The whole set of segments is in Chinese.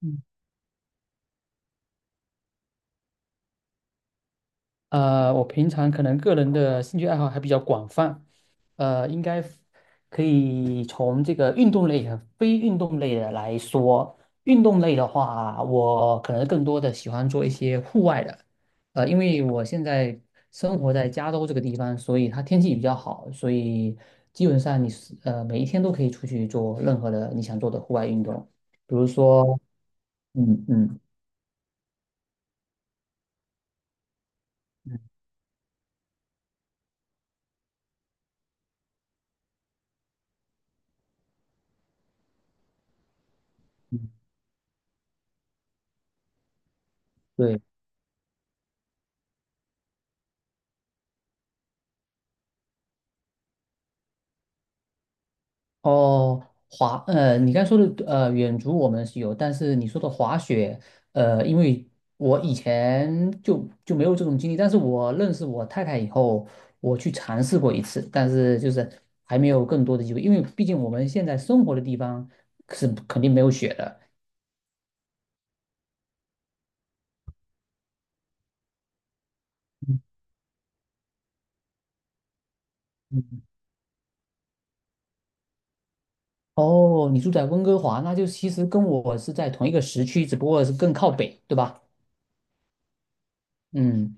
嗯我平常可能个人的兴趣爱好还比较广泛，呃，应该 f- 可以从这个运动类和非运动类的来说。运动类的话，我可能更多的喜欢做一些户外的，因为我现在生活在加州这个地方，所以它天气比较好，所以基本上你是每一天都可以出去做任何的你想做的户外运动，比如说，嗯嗯嗯嗯，对。哦，你刚才说的远足我们是有，但是你说的滑雪，因为我以前就没有这种经历，但是我认识我太太以后，我去尝试过一次，但是就是还没有更多的机会，因为毕竟我们现在生活的地方是肯定没有雪的。嗯嗯，哦，你住在温哥华，那就其实跟我是在同一个时区，只不过是更靠北，对吧？嗯。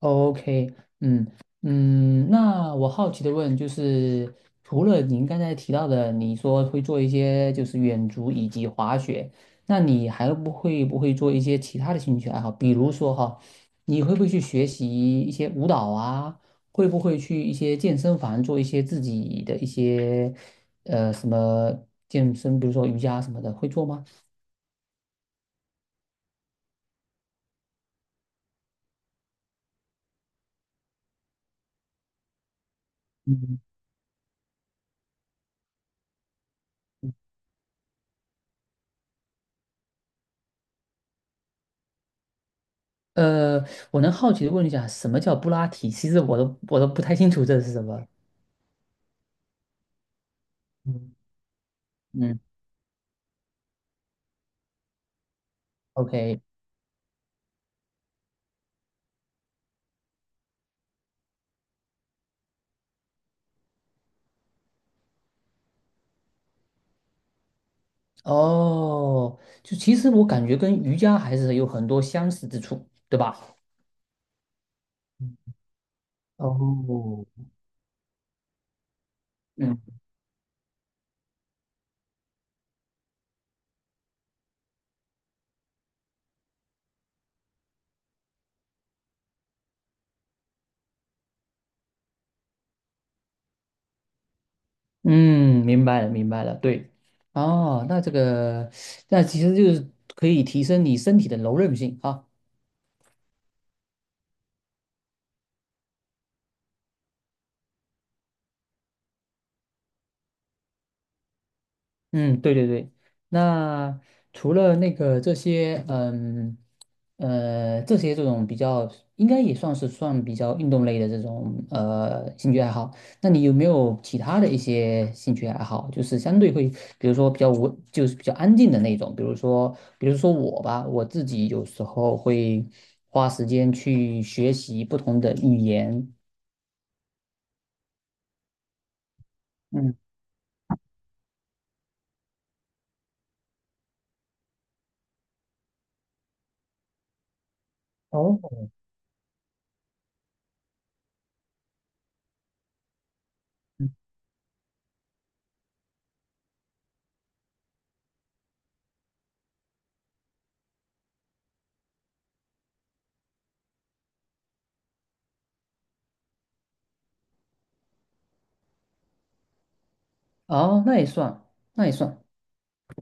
OK。嗯嗯，那我好奇的问就是，除了您刚才提到的，你说会做一些就是远足以及滑雪，那你还不会不会做一些其他的兴趣爱好？比如说哈，你会不会去学习一些舞蹈啊？会不会去一些健身房做一些自己的一些呃什么健身，比如说瑜伽什么的，会做吗？嗯。呃，我能好奇的问一下，什么叫布拉提？其实我都不太清楚这是什么。嗯。嗯。OK。哦，就其实我感觉跟瑜伽还是有很多相似之处，对吧？嗯。哦。嗯嗯，明白了，明白了，对。哦，那这个，那其实就是可以提升你身体的柔韧性啊。嗯，对对对。那除了那个这些，嗯，这些这种比较，应该也算是算比较运动类的这种兴趣爱好。那你有没有其他的一些兴趣爱好？就是相对会，比如说比较无，就是比较安静的那种，比如说我吧，我自己有时候会花时间去学习不同的语言。嗯。哦。哦，那也算，那也算。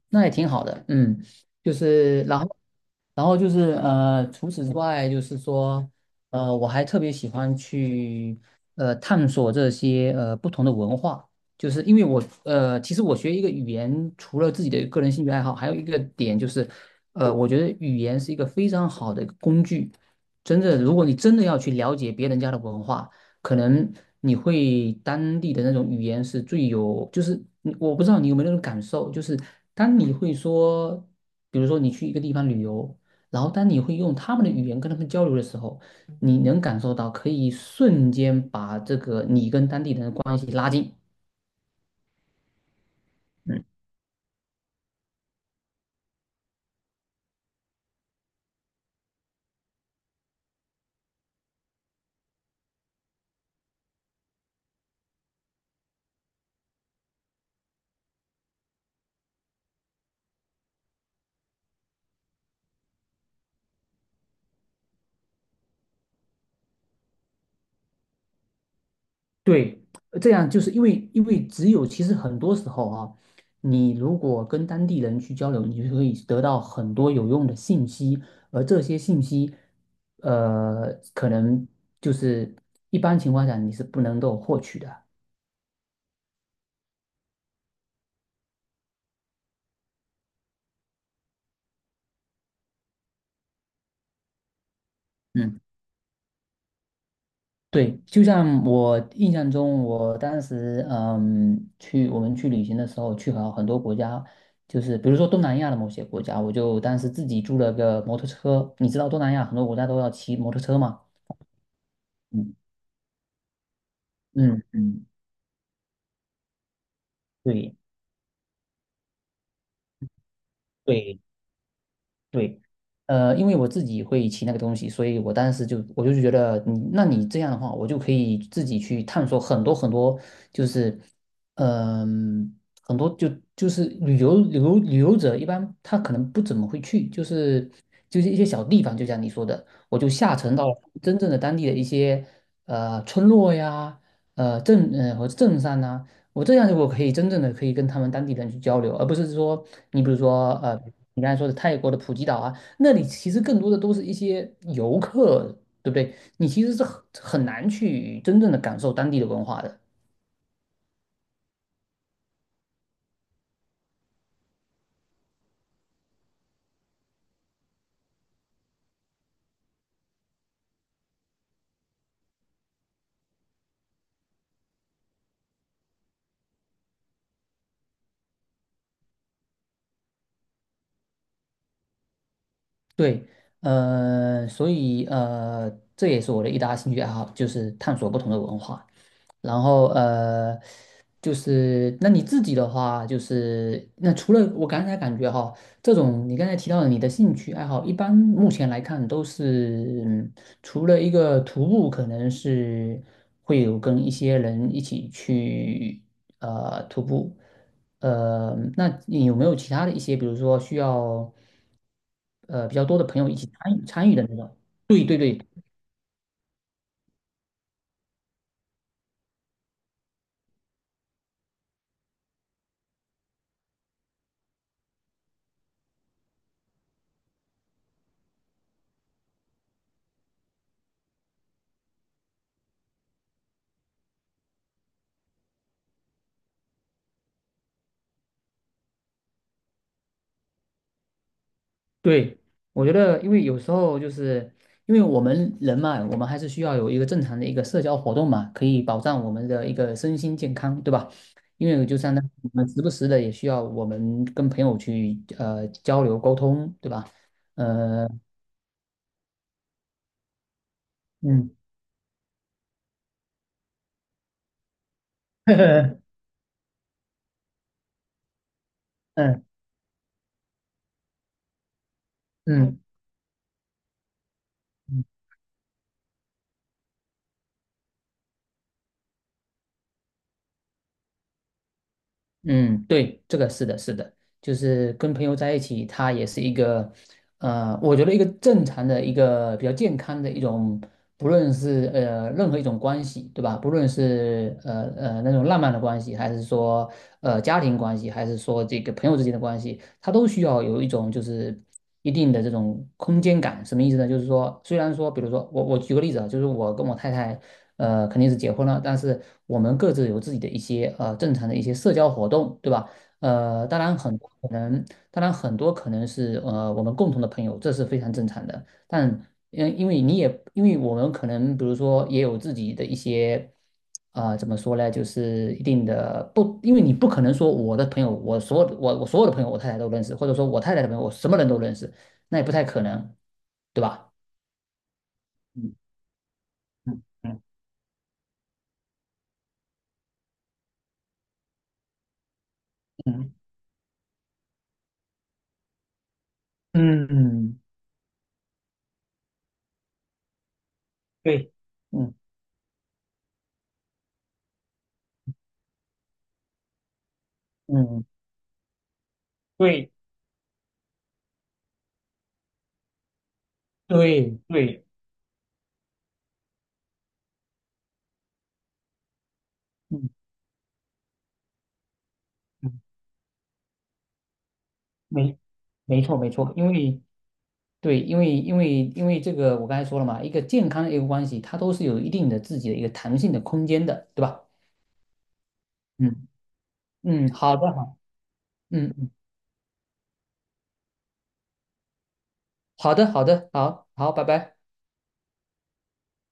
那也挺好的，嗯，就是然后，然后就是除此之外，就是说，我还特别喜欢去探索这些不同的文化，就是因为我呃，其实我学一个语言，除了自己的个人兴趣爱好，还有一个点就是，我觉得语言是一个非常好的一个工具，真的，如果你真的要去了解别人家的文化。可能你会当地的那种语言是最有，就是你我不知道你有没有那种感受，就是当你会说，比如说你去一个地方旅游，然后当你会用他们的语言跟他们交流的时候，你能感受到可以瞬间把这个你跟当地人的关系拉近。嗯。对，这样就是因为只有其实很多时候啊，你如果跟当地人去交流，你就可以得到很多有用的信息，而这些信息，呃，可能就是一般情况下你是不能够获取的。嗯，对，就像我印象中，我当时我们去旅行的时候，去好很多国家，就是比如说东南亚的某些国家，我就当时自己租了个摩托车。你知道东南亚很多国家都要骑摩托车嘛？嗯嗯嗯，对对，对。因为我自己会骑那个东西，所以我就觉得你，那你这样的话，我就可以自己去探索很多很多，就是嗯、很多就就是旅游者一般他可能不怎么会去，就是一些小地方，就像你说的，我就下沉到真正的当地的一些村落呀，镇上呐、我这样就我可以真正的可以跟他们当地人去交流，而不是说你比如说呃。你刚才说的泰国的普吉岛啊，那里其实更多的都是一些游客，对不对？你其实是很很难去真正的感受当地的文化的。对，所以这也是我的一大兴趣爱好，就是探索不同的文化。然后就是那你自己的话，就是那除了我刚才感觉哈，这种你刚才提到的你的兴趣爱好，一般目前来看都是，嗯，除了一个徒步，可能是会有跟一些人一起去徒步。那你有没有其他的一些，比如说需要比较多的朋友一起参与的那种？对对对，我觉得因为有时候就是因为我们人嘛，我们还是需要有一个正常的一个社交活动嘛，可以保障我们的一个身心健康，对吧？因为就相当于我们时不时的也需要我们跟朋友去交流沟通，对吧？呃，嗯。嗯嗯。嗯，对，这个是的，是的，就是跟朋友在一起，他也是一个，我觉得一个正常的一个比较健康的一种，不论是任何一种关系，对吧？不论是那种浪漫的关系，还是说家庭关系，还是说这个朋友之间的关系，它都需要有一种就是一定的这种空间感。什么意思呢？就是说，虽然说，比如说我举个例子啊，就是我跟我太太肯定是结婚了，但是我们各自有自己的一些正常的一些社交活动，对吧？呃，当然很多可能。当然，很多可能是我们共同的朋友，这是非常正常的。但嗯，因为你也因为我们可能比如说也有自己的一些啊、呃怎么说呢，就是一定的不，因为你不可能说我的朋友，我所有的朋友，我太太都认识，或者说我太太的朋友，我什么人都认识，那也不太可能，对吧？嗯嗯嗯嗯嗯，嗯对，嗯嗯，对，对，对，嗯，嗯，没，没错没错，因为这个我刚才说了嘛，一个健康的一个关系，它都是有一定的自己的一个弹性的空间的，对吧？嗯嗯，好的，好，嗯嗯，好的，好的，好好，拜拜。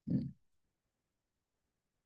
嗯。